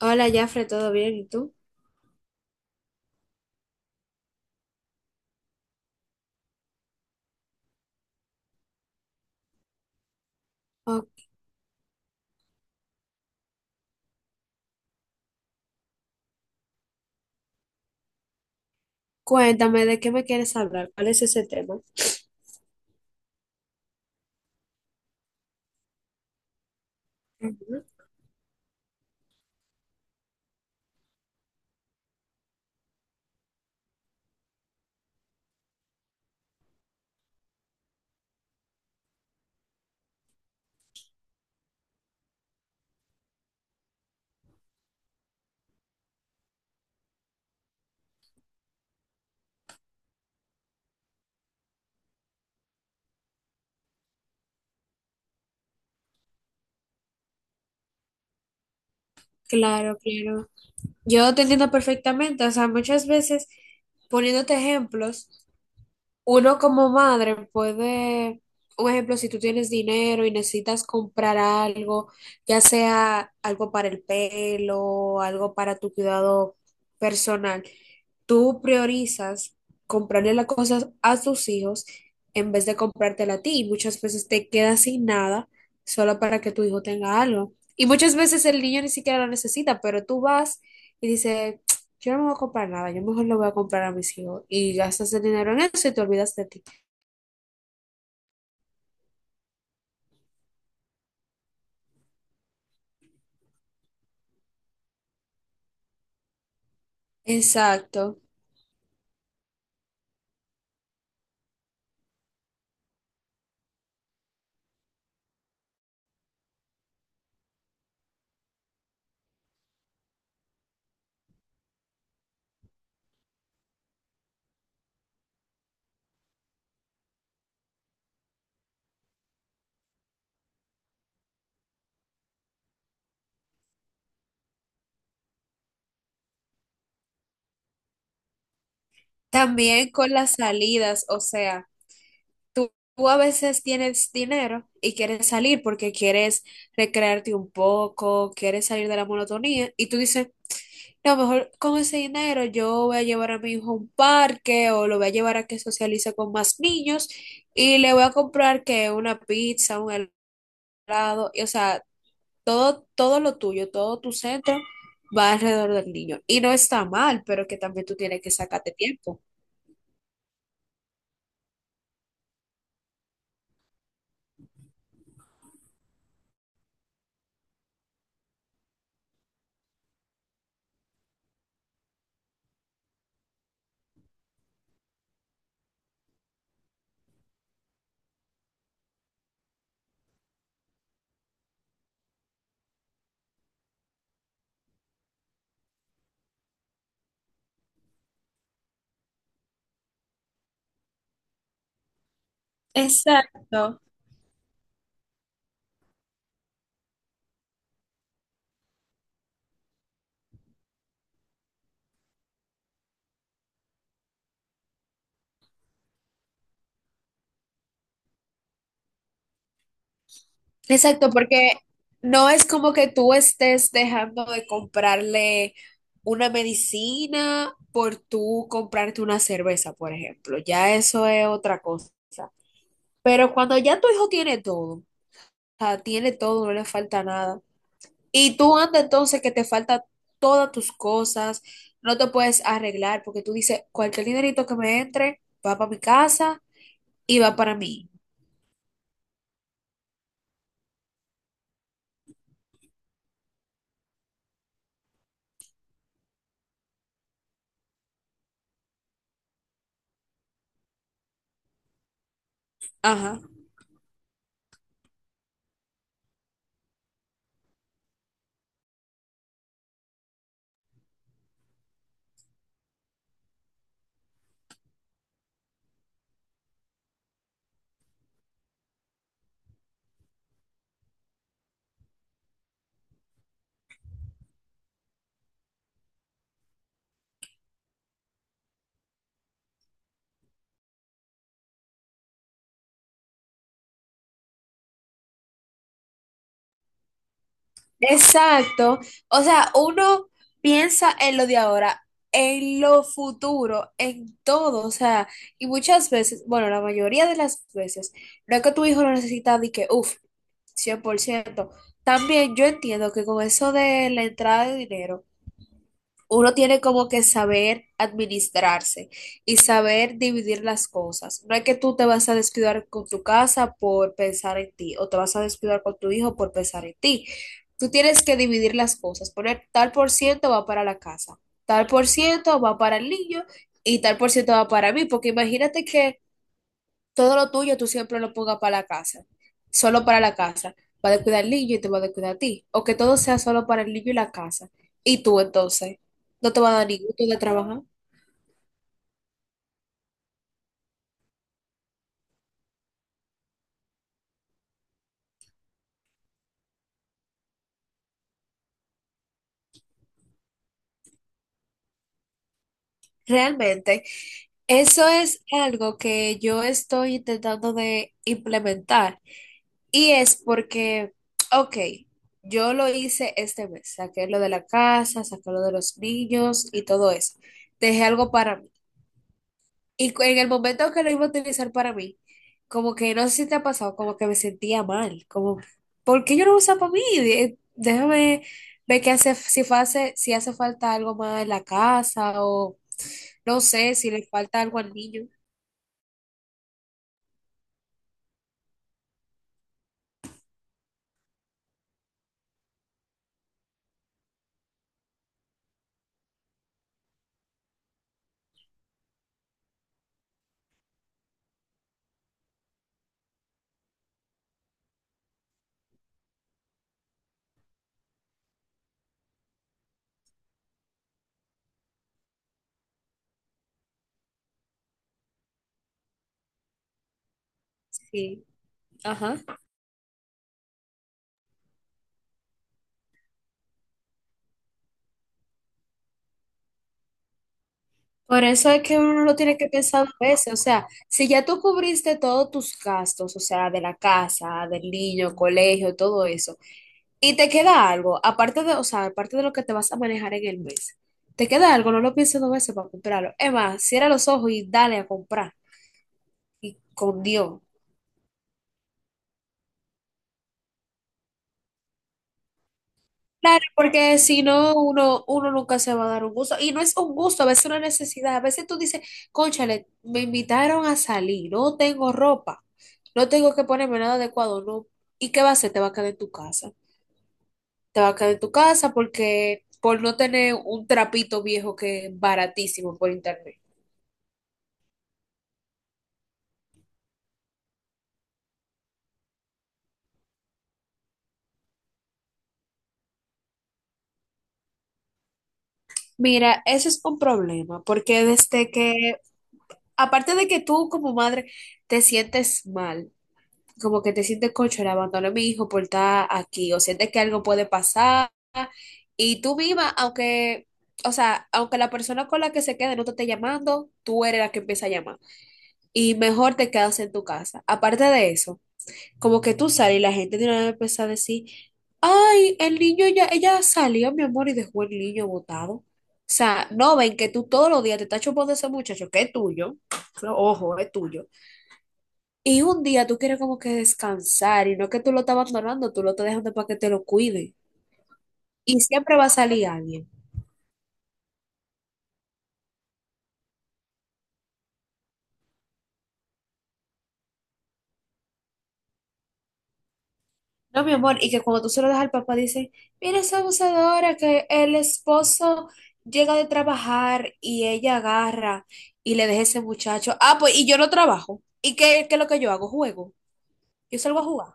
Hola, Jafre, ¿todo bien? ¿Y tú? Oh, cuéntame, ¿de qué me quieres hablar? ¿Cuál es ese tema? Ujú. Claro, claro. Yo te entiendo perfectamente. O sea, muchas veces, poniéndote ejemplos, uno como madre puede, un ejemplo, si tú tienes dinero y necesitas comprar algo, ya sea algo para el pelo, algo para tu cuidado personal, tú priorizas comprarle las cosas a tus hijos en vez de comprártela a ti. Y muchas veces te quedas sin nada solo para que tu hijo tenga algo. Y muchas veces el niño ni siquiera lo necesita, pero tú vas y dices, yo no me voy a comprar nada, yo mejor lo voy a comprar a mis hijos. Y gastas el dinero en eso y te olvidas de ti. Exacto. También con las salidas, o sea. Tú a veces tienes dinero y quieres salir porque quieres recrearte un poco, quieres salir de la monotonía y tú dices, no, mejor con ese dinero yo voy a llevar a mi hijo a un parque o lo voy a llevar a que socialice con más niños y le voy a comprar que una pizza, un helado, y, o sea, todo, todo lo tuyo, todo tu centro va alrededor del niño. Y no está mal, pero que también tú tienes que sacarte tiempo. Exacto. Exacto, porque no es como que tú estés dejando de comprarle una medicina por tú comprarte una cerveza, por ejemplo. Ya eso es otra cosa. Pero cuando ya tu hijo tiene todo, o sea, tiene todo, no le falta nada. Y tú andas entonces que te falta todas tus cosas, no te puedes arreglar porque tú dices, cualquier dinerito que me entre va para mi casa y va para mí. Ajá. Exacto. O sea, uno piensa en lo de ahora, en lo futuro, en todo. O sea, y muchas veces, bueno, la mayoría de las veces, no es que tu hijo lo necesita de que, uff, 100%. También yo entiendo que con eso de la entrada de dinero, uno tiene como que saber administrarse y saber dividir las cosas. No es que tú te vas a descuidar con tu casa por pensar en ti o te vas a descuidar con tu hijo por pensar en ti. Tú tienes que dividir las cosas, poner tal por ciento va para la casa, tal por ciento va para el niño y tal por ciento va para mí, porque imagínate que todo lo tuyo tú siempre lo pongas para la casa, solo para la casa. Va a descuidar el niño y te va a descuidar a ti. O que todo sea solo para el niño y la casa. Y tú entonces, no te va a dar ningún gusto de trabajar. Realmente, eso es algo que yo estoy intentando de implementar. Y es porque, ok, yo lo hice este mes. Saqué lo de la casa, saqué lo de los niños y todo eso. Dejé algo para mí. Y en el momento que lo iba a utilizar para mí, como que no sé si te ha pasado, como que me sentía mal, como, ¿por qué yo no lo uso para mí? Déjame ver qué hace, si hace falta algo más en la casa o no sé, si le falta algo al niño. Sí, ajá. Por eso es que uno lo tiene que pensar dos veces, o sea, si ya tú cubriste todos tus gastos, o sea, de la casa, del niño, colegio, todo eso. Y te queda algo, aparte de, o sea, aparte de lo que te vas a manejar en el mes, te queda algo, no lo pienses dos veces para comprarlo. Es más, cierra los ojos y dale a comprar. Y con Dios. Claro, porque si no, uno nunca se va a dar un gusto. Y no es un gusto, a veces es una necesidad. A veces tú dices, cónchale, me invitaron a salir, no tengo ropa, no tengo que ponerme nada adecuado, no. ¿Y qué va a hacer? Te va a quedar en tu casa. Te va a quedar en tu casa porque por no tener un trapito viejo que es baratísimo por internet. Mira, eso es un problema, porque desde que, aparte de que tú como madre te sientes mal, como que te sientes concho, le abandoné a mi hijo por estar aquí, o sientes que algo puede pasar, y tú misma, aunque, o sea, aunque la persona con la que se quede no te esté llamando, tú eres la que empieza a llamar, y mejor te quedas en tu casa. Aparte de eso. Como que tú sales y la gente de una vez empieza a decir, ay, el niño ya, ella salió, mi amor, y dejó el niño botado. O sea, no ven que tú todos los días te estás chupando de ese muchacho que es tuyo, ojo, es tuyo. Y un día tú quieres como que descansar y no es que tú lo estás abandonando, tú lo estás dejando para que te lo cuide. Y siempre va a salir alguien. No, mi amor, y que cuando tú se lo das al papá, dice, mira esa abusadora, que el esposo llega de trabajar y ella agarra y le deja ese muchacho. Ah, pues, y yo no trabajo. ¿Y qué es lo que yo hago? Juego. Yo salgo a jugar.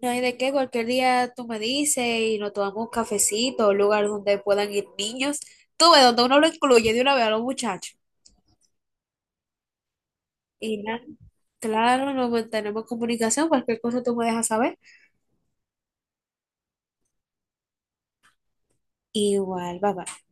No hay de qué, cualquier día tú me dices y nos tomamos un cafecito, un lugar donde puedan ir niños. Tú ves, donde uno lo incluye de una vez a los muchachos. Y nada, claro, nos mantenemos en comunicación, cualquier cosa tú me dejas saber. Igual, bye bye.